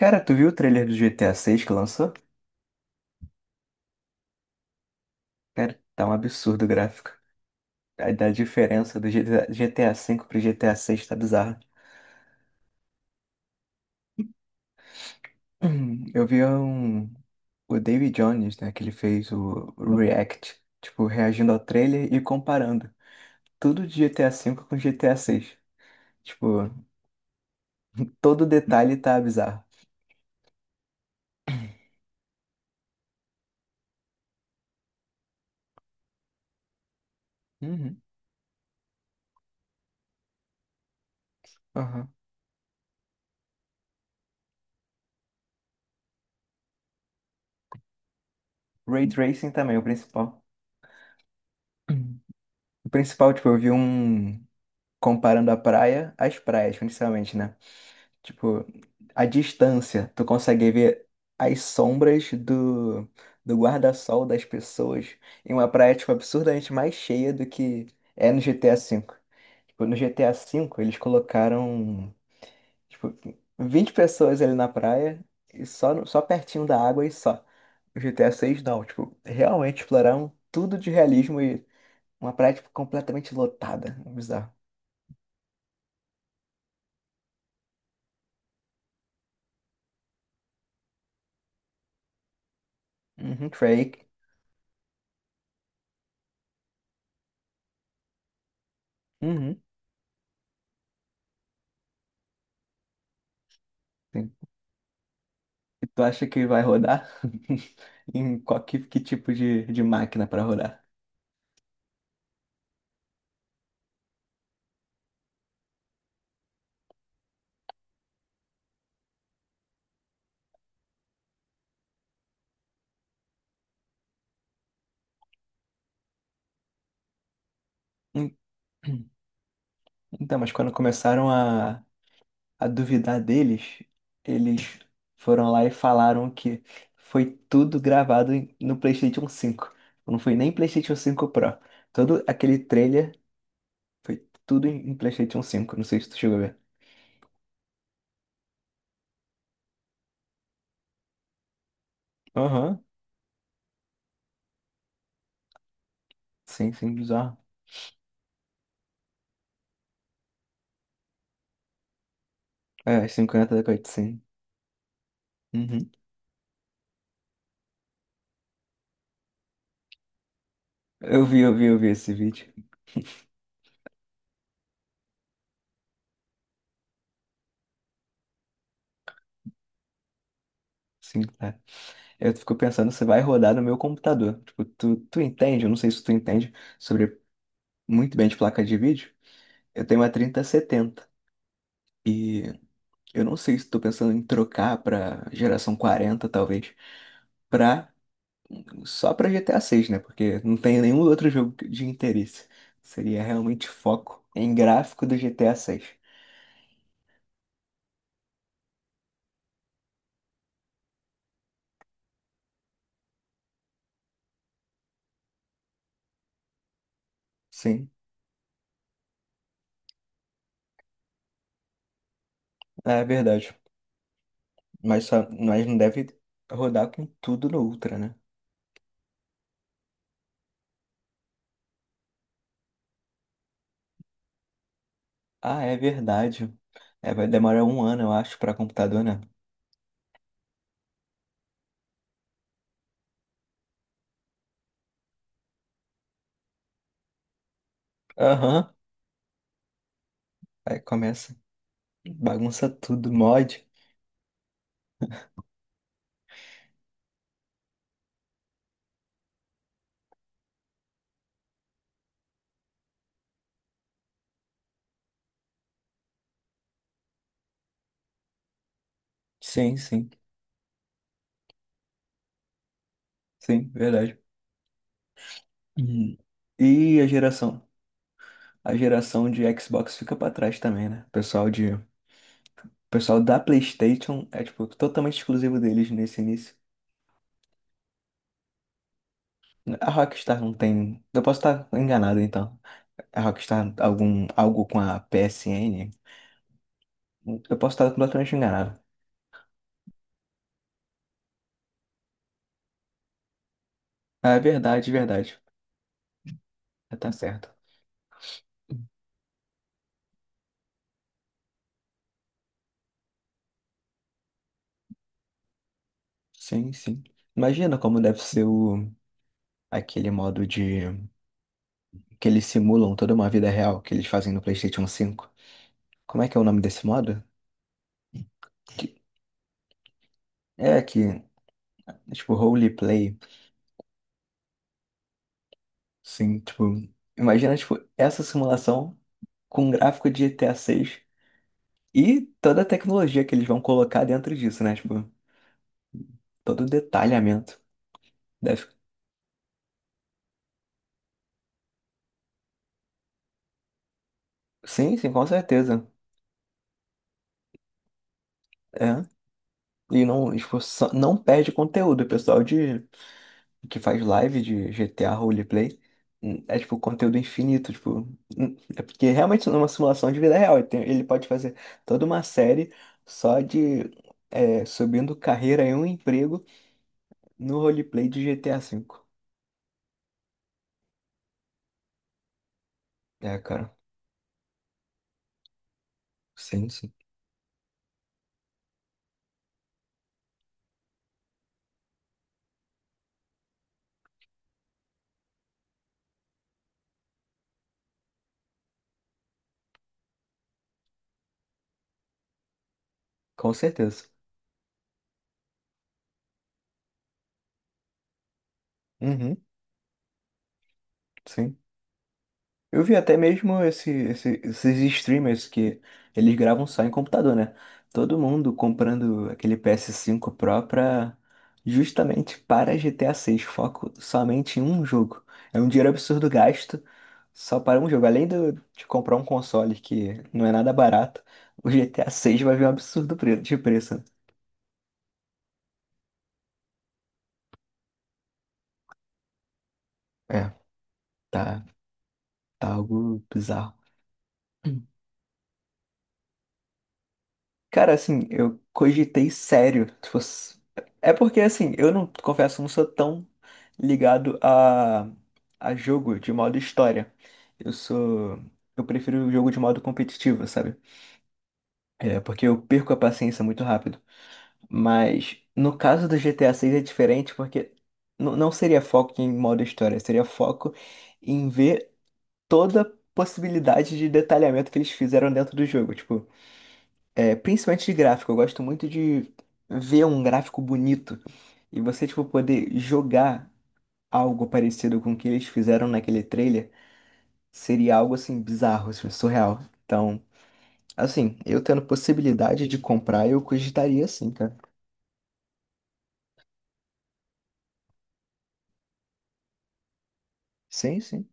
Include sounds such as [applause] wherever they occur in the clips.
Cara, tu viu o trailer do GTA VI que lançou? Cara, tá um absurdo o gráfico. Da diferença do GTA V pro GTA VI tá bizarro. [clears throat] Eu vi um, o David Jones, né, que ele fez o React, tipo, reagindo ao trailer e comparando tudo de GTA V com GTA VI. Tipo, todo detalhe tá bizarro. Uhum, aham. Ray Tracing também, o principal. Uhum. O principal, tipo, eu vi um comparando a praia às praias, principalmente, né? Tipo, a distância, tu consegue ver as sombras do, do guarda-sol das pessoas em uma praia, tipo, absurdamente mais cheia do que é no GTA V. Tipo, no GTA V, eles colocaram, tipo, 20 pessoas ali na praia e só, só pertinho da água e só. No GTA 6 não. Tipo, realmente exploraram tudo de realismo e uma praia, tipo, completamente lotada. Bizarro. Uhum, Drake. Uhum. E tu acha que vai rodar? [laughs] Em qual que tipo de máquina para rodar? Hum, [clears throat] Então, mas quando começaram a, duvidar deles, eles foram lá e falaram que foi tudo gravado no PlayStation 5. Não foi nem PlayStation 5 Pro. Todo aquele trailer foi tudo em PlayStation 5. Não sei se tu chegou a ver. Aham, sim, sim, bizarro. É, 50 da sim. Uhum. Eu vi esse vídeo. Sim, tá. Eu fico pensando se vai rodar no meu computador. Tipo, tu entende? Eu não sei se tu entende sobre muito bem de placa de vídeo. Eu tenho uma 3070. Eu não sei se tô pensando em trocar pra geração 40, talvez, pra, só pra GTA 6, né? Porque não tem nenhum outro jogo de interesse. Seria realmente foco em gráfico do GTA 6. Sim, é verdade. Mas não deve rodar com tudo no Ultra, né? Ah, é verdade. É, vai demorar um ano, eu acho, pra computador, né? Aham, aí começa, bagunça tudo, mod. Sim, sim, sim, verdade. Hum. E a geração? A geração de Xbox fica pra trás também, né? O pessoal da PlayStation é tipo totalmente exclusivo deles nesse início. A Rockstar não tem, eu posso estar enganado então. A Rockstar algum algo com a PSN, eu posso estar completamente enganado. Ah, é verdade, verdade. Ah, tá certo. Sim, sim. Imagina como deve ser o aquele modo de que eles simulam toda uma vida real que eles fazem no PlayStation 5. Como é que é o nome desse modo? Que- é que tipo roleplay. Sim, tipo, imagina, tipo, essa simulação com um gráfico de GTA 6 e toda a tecnologia que eles vão colocar dentro disso, né? Tipo, todo o detalhamento. Deve. Sim, sim, com certeza. É. E não, tipo, não perde conteúdo. Que faz live de GTA roleplay é, tipo, conteúdo infinito, tipo. É porque realmente é uma simulação de vida real. Ele ele pode fazer toda uma série só de, subindo carreira em um emprego no roleplay de GTA V. É, cara. Sim, sim. Com certeza. Uhum, sim. Eu vi até mesmo esse, esses streamers que eles gravam só em computador, né? Todo mundo comprando aquele PS cinco Pro justamente para GTA 6 foco somente em um jogo. É um dinheiro absurdo gasto só para um jogo. Além de comprar um console que não é nada barato, o GTA 6 vai vir um absurdo de preço. É, tá, tá algo bizarro. Cara, assim, eu cogitei sério. Se fosse- É porque, assim, eu não, confesso, não sou tão ligado a, jogo de modo história. Eu sou. Eu prefiro o jogo de modo competitivo, sabe? É, porque eu perco a paciência muito rápido. Mas no caso do GTA 6 é diferente, porque não seria foco em modo história, seria foco em ver toda a possibilidade de detalhamento que eles fizeram dentro do jogo. Tipo, principalmente de gráfico, eu gosto muito de ver um gráfico bonito e você, tipo, poder jogar algo parecido com o que eles fizeram naquele trailer seria algo, assim, bizarro, assim, surreal. Então, assim, eu tendo possibilidade de comprar, eu cogitaria sim, cara. Sim, sim.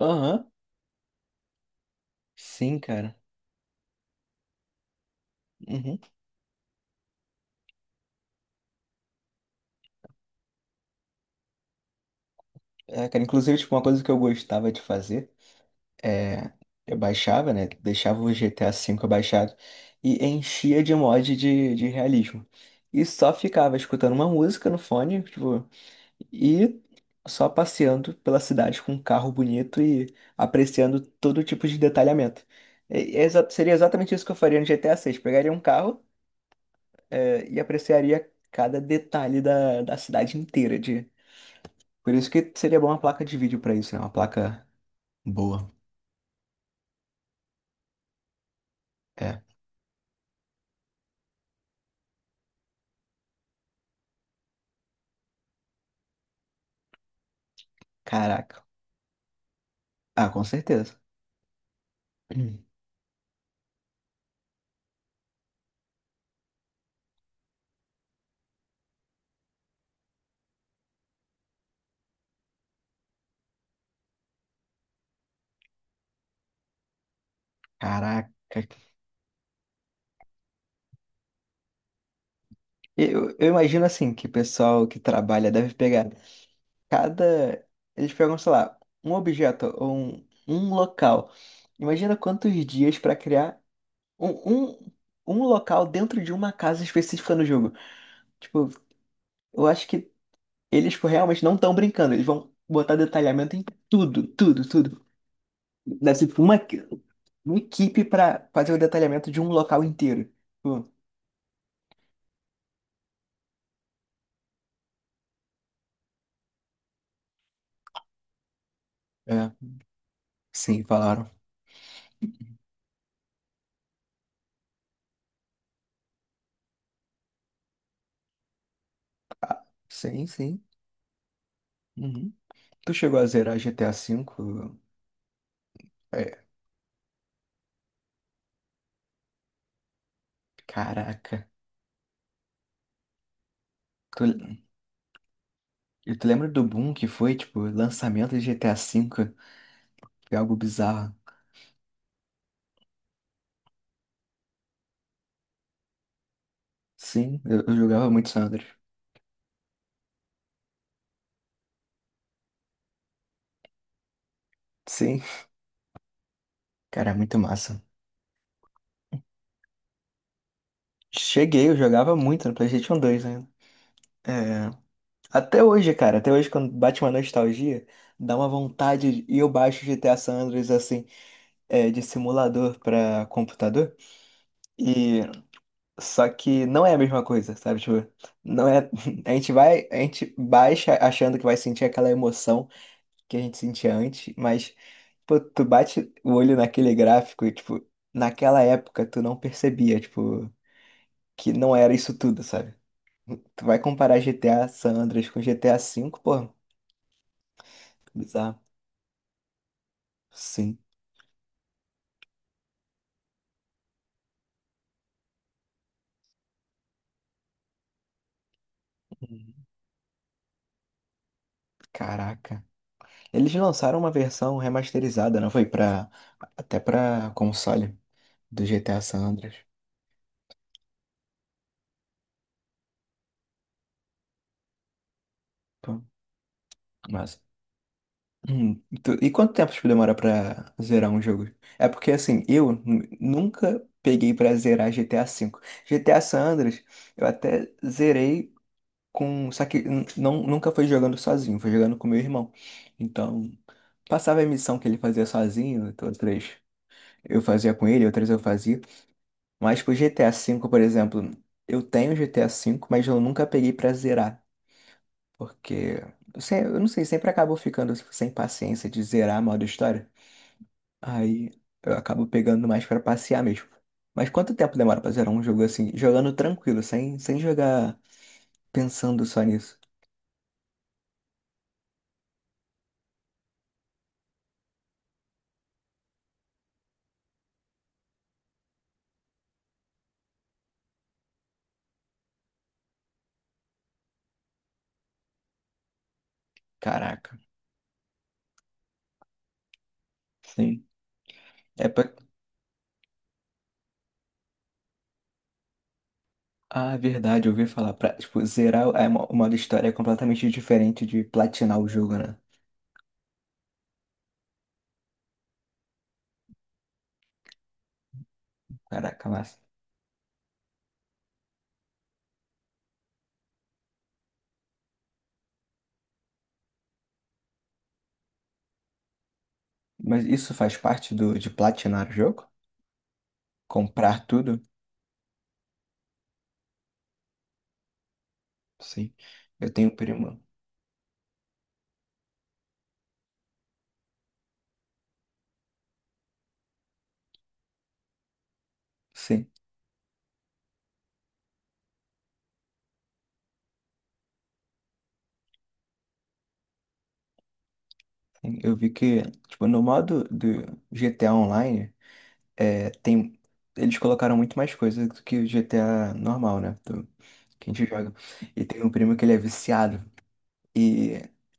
Aham. Sim, cara. Uhum. É, cara, inclusive, tipo, uma coisa que eu gostava de fazer. é, eu baixava, né? Deixava o GTA V baixado e enchia de mod de realismo. E só ficava escutando uma música no fone, tipo, e só passeando pela cidade com um carro bonito e apreciando todo tipo de detalhamento. Seria exatamente isso que eu faria no GTA VI. Pegaria um carro, e apreciaria cada detalhe da cidade inteira. Por isso que seria bom uma placa de vídeo pra isso, né? Uma placa boa. É. Caraca. Ah, com certeza. Caraca. Eu imagino assim que o pessoal que trabalha deve pegar cada. Eles pegam, sei lá, um objeto ou um local. Imagina quantos dias pra criar um, um, um local dentro de uma casa específica no jogo. Tipo, eu acho que eles tipo, realmente não estão brincando. Eles vão botar detalhamento em tudo, tudo, tudo. Deve ser tipo, uma equipe pra fazer o detalhamento de um local inteiro. Tipo, é, sim, falaram. Ah, sim, sim. Uhum. Tu chegou a zerar GTA V? É, caraca. Tu, e tu lembra do boom que foi, tipo, lançamento de GTA V? Foi algo bizarro. Sim, eu jogava muito Sandro. Sim, cara, é muito massa. Cheguei, eu jogava muito no PlayStation 2 ainda. É, até hoje, cara, até hoje quando bate uma nostalgia, dá uma vontade e eu baixo GTA San Andreas assim, de simulador pra computador. Só que não é a mesma coisa, sabe? Tipo, não é. [laughs] A gente baixa achando que vai sentir aquela emoção que a gente sentia antes, mas, pô, tu bate o olho naquele gráfico e, tipo, naquela época tu não percebia, tipo, que não era isso tudo, sabe? Tu vai comparar GTA San Andreas com GTA V, pô, bizarro. Sim. Caraca. Eles lançaram uma versão remasterizada, não foi? Até pra console do GTA San Andreas. Pô, massa. Hum, E quanto tempo tipo, demora pra zerar um jogo? É porque assim, eu nunca peguei pra zerar GTA V. GTA San Andreas, eu até zerei com. Só que não, nunca foi jogando sozinho, foi jogando com meu irmão. Então, passava a missão que ele fazia sozinho, outras eu fazia com ele, outras eu fazia. Mas pro GTA V, por exemplo, eu tenho GTA V, mas eu nunca peguei pra zerar. Porque eu não sei, sempre acabo ficando sem paciência de zerar a modo história. Aí eu acabo pegando mais pra passear mesmo. Mas quanto tempo demora pra zerar um jogo assim, jogando tranquilo, sem jogar pensando só nisso? Caraca, sim. É pra. Ah, é verdade, eu ouvi falar. Pra, tipo, zerar é uma, história é completamente diferente de platinar o jogo, né? Caraca, massa. Mas isso faz parte de platinar o jogo? Comprar tudo? Sim. Eu tenho primo. Sim. Sim. Eu vi que, tipo, no modo do GTA Online, tem, eles colocaram muito mais coisa do que o GTA normal, né? que a gente joga. E tem um primo que ele é viciado. E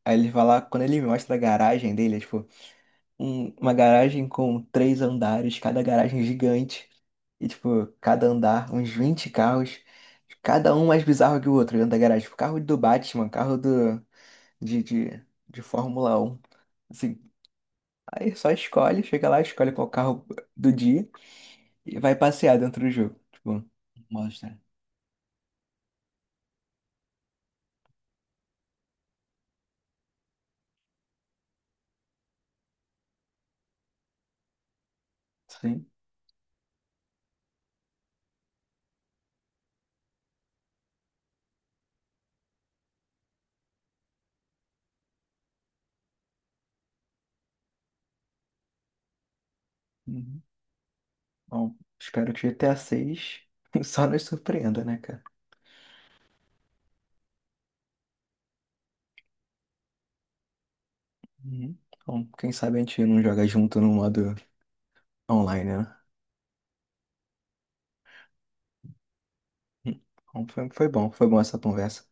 aí ele vai lá, quando ele me mostra a garagem dele, é tipo, uma garagem com três andares, cada garagem gigante. E tipo, cada andar, uns 20 carros, cada um mais bizarro que o outro dentro da garagem. Tipo, carro do Batman, carro de Fórmula 1. Assim, aí só escolhe, chega lá, escolhe qual carro do dia. E vai passear dentro do jogo. Tipo, mostra. Sim. Uhum. Bom, espero que GTA 6 [laughs] só nos surpreenda, né, cara? Uhum. Bom, quem sabe a gente não joga junto no modo online, né? Uhum. Bom, foi bom essa conversa.